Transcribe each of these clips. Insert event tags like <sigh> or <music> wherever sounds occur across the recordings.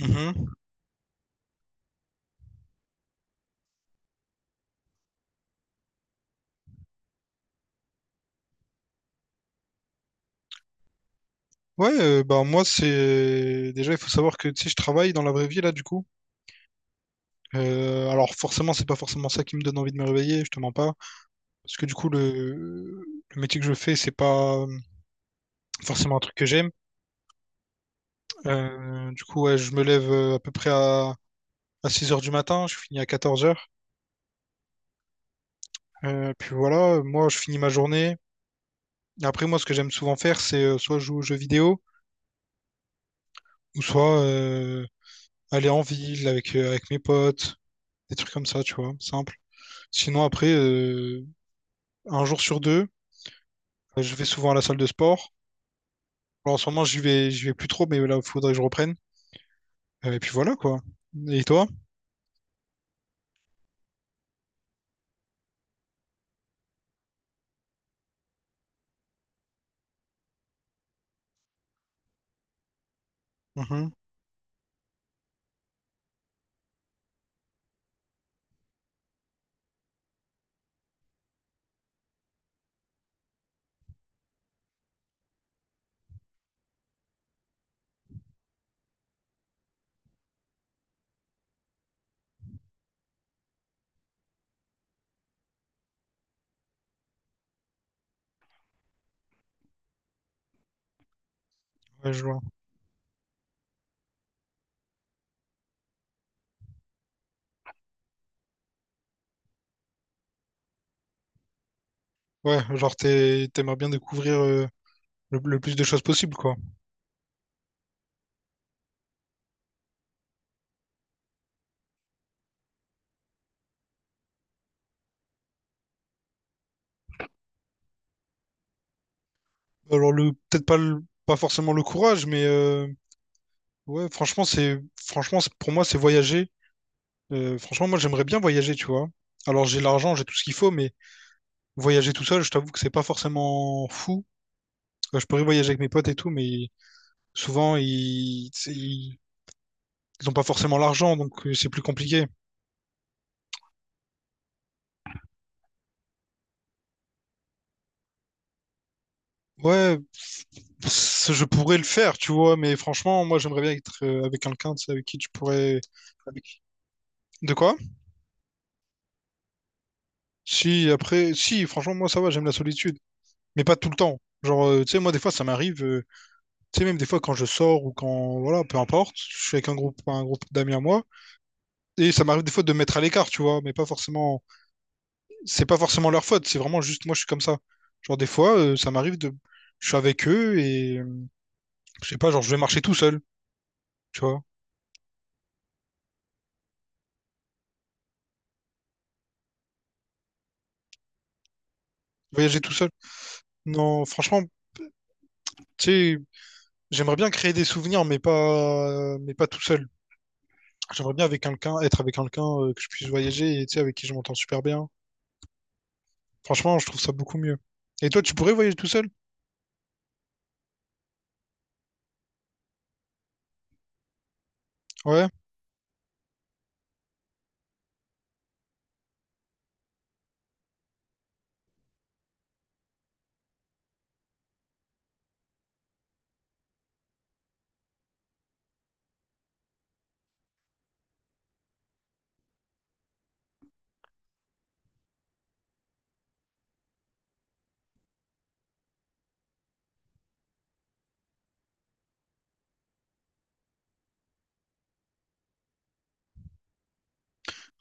Mhm. Ouais, bah moi c'est déjà il faut savoir que tu sais je travaille dans la vraie vie là du coup. Alors forcément c'est pas forcément ça qui me donne envie de me réveiller, je te mens pas, parce que du coup le métier que je fais c'est pas forcément un truc que j'aime. Du coup ouais, je me lève à peu près à 6 heures du matin, je finis à 14 heures. Puis voilà, moi je finis ma journée. Et après moi ce que j'aime souvent faire c'est soit jouer aux jeux vidéo ou soit aller en ville avec mes potes, des trucs comme ça tu vois, simple. Sinon, après, un jour sur deux, je vais souvent à la salle de sport. Alors, en ce moment, j'y vais plus trop, mais là, il faudrait que je reprenne. Et puis voilà, quoi. Et toi? Mhm. Ouais, je vois. Ouais, t'aimerais bien découvrir le plus de choses possible, quoi. Alors, peut-être pas, pas forcément le courage, mais ouais, pour moi, c'est voyager. Franchement, moi, j'aimerais bien voyager, tu vois. Alors, j'ai l'argent, j'ai tout ce qu'il faut, mais voyager tout seul, je t'avoue que c'est pas forcément fou. Je pourrais voyager avec mes potes et tout, mais souvent, tu sais, ils ont pas forcément l'argent, donc c'est plus compliqué. Ouais, je pourrais le faire, tu vois, mais franchement, moi, j'aimerais bien être avec quelqu'un, tu sais, avec qui tu pourrais... avec- De quoi? Si, après, si, franchement, moi, ça va, j'aime la solitude, mais pas tout le temps. Genre, tu sais, moi, des fois, ça m'arrive. Tu sais, même des fois, quand je sors ou quand, voilà, peu importe, je suis avec un groupe d'amis à moi, et ça m'arrive des fois de me mettre à l'écart, tu vois, mais pas forcément, c'est pas forcément leur faute, c'est vraiment juste moi, je suis comme ça. Genre, des fois, je suis avec eux et je sais pas, genre, je vais marcher tout seul, tu vois, voyager tout seul. Non, franchement, tu sais, j'aimerais bien créer des souvenirs, mais pas tout seul. J'aimerais bien avec quelqu'un, Être avec quelqu'un que je puisse voyager et, tu sais, avec qui je m'entends super bien. Franchement, je trouve ça beaucoup mieux. Et toi, tu pourrais voyager tout seul? Ouais,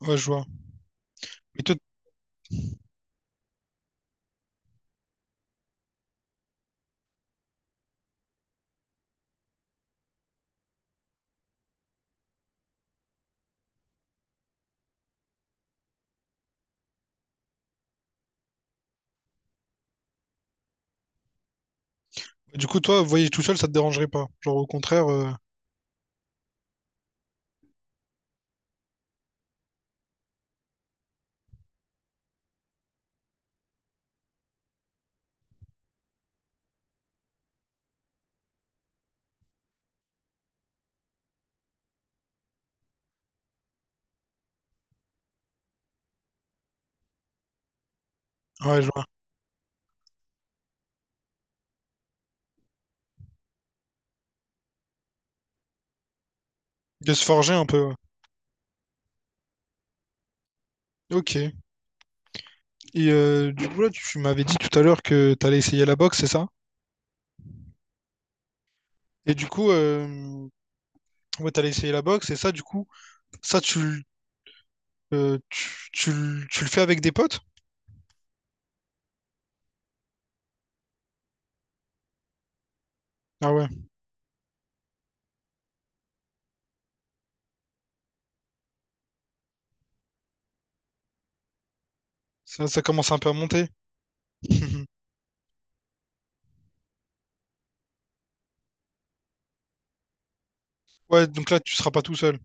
ouais, je vois. Et toi, Du coup, toi, voyager tout seul, ça te dérangerait pas. Genre, au contraire, ouais, je vois. De se forger un peu. Ouais. Ok. Et du coup, là, tu m'avais dit tout à l'heure que t'allais essayer la boxe, c'est ça? Et du coup, ouais, t'allais essayer la boxe, et ça, du coup, ça, tu, l- tu, tu l- tu le fais avec des potes? Ah ouais, ça commence un peu à monter. <laughs> Ouais, donc là, tu seras pas tout seul.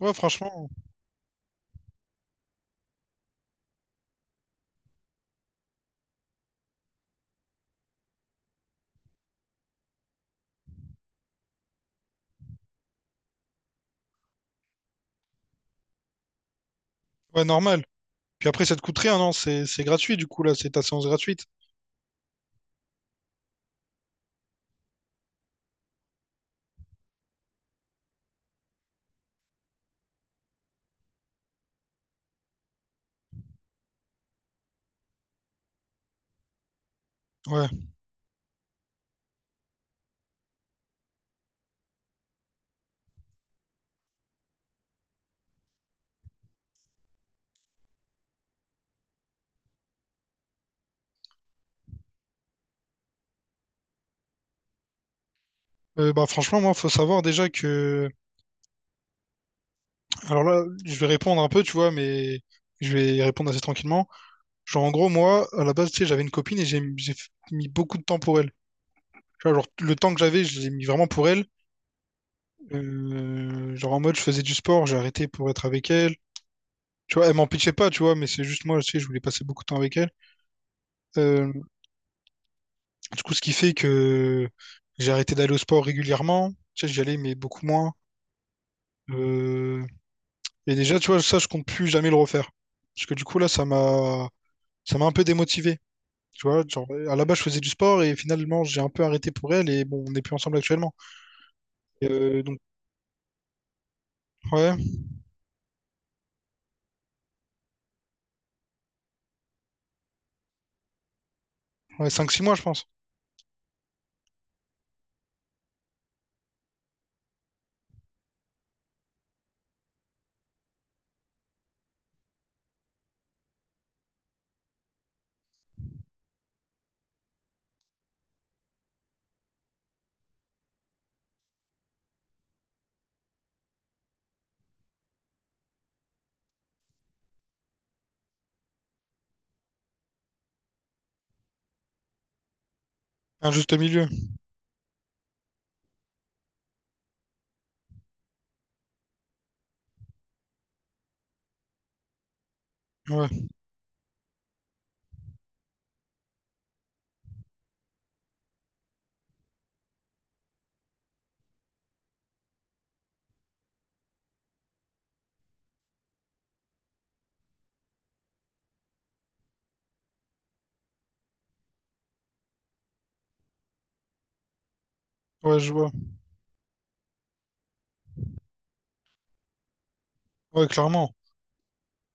Ouais, franchement, ouais, normal. Puis après, ça te coûte rien, non? C'est gratuit, du coup, là, c'est ta séance gratuite. Ouais. Bah, franchement, moi, faut savoir déjà que. Alors là, je vais répondre un peu, tu vois, mais je vais y répondre assez tranquillement. Genre, en gros, moi, à la base, tu sais, j'avais une copine et mis beaucoup de temps pour elle. Tu vois, genre, le temps que j'avais, je l'ai mis vraiment pour elle. Genre, en mode, je faisais du sport, j'ai arrêté pour être avec elle. Tu vois, elle m'en pitchait pas, tu vois, mais c'est juste moi, tu sais, je voulais passer beaucoup de temps avec elle. Euh, du coup, ce qui fait que j'ai arrêté d'aller au sport régulièrement. Tu sais, j'y allais, mais beaucoup moins. Euh, Et déjà, tu vois, ça, je compte plus jamais le refaire. Parce que du coup, là, ça m'a un peu démotivé. Tu vois, genre, à la base, je faisais du sport et finalement, j'ai un peu arrêté pour elle et bon, on n'est plus ensemble actuellement. Donc, ouais, ouais 5-6 mois, je pense. Un juste milieu. Ouais, ouais, je vois. Ouais, clairement.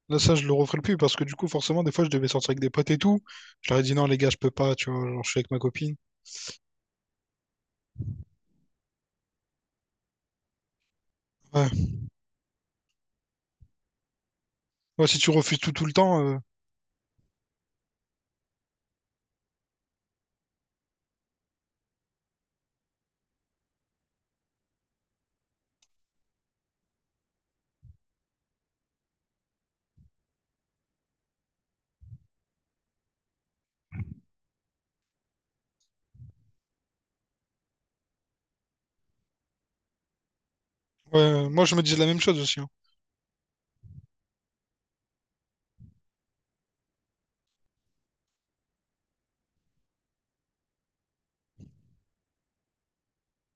Là, ça, je le referai plus parce que du coup, forcément, des fois, je devais sortir avec des potes et tout. Je leur ai dit non, les gars, je peux pas, tu vois, genre, je suis avec ma copine. Ouais. Ouais, si tu refuses tout tout le temps, ouais, moi, je me disais la même chose aussi, hein.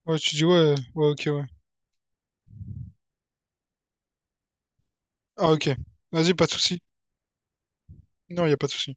Ouais, tu dis ouais, ouais, ok, ouais. Ah, ok. Vas-y, pas de souci. Non, il a pas de souci.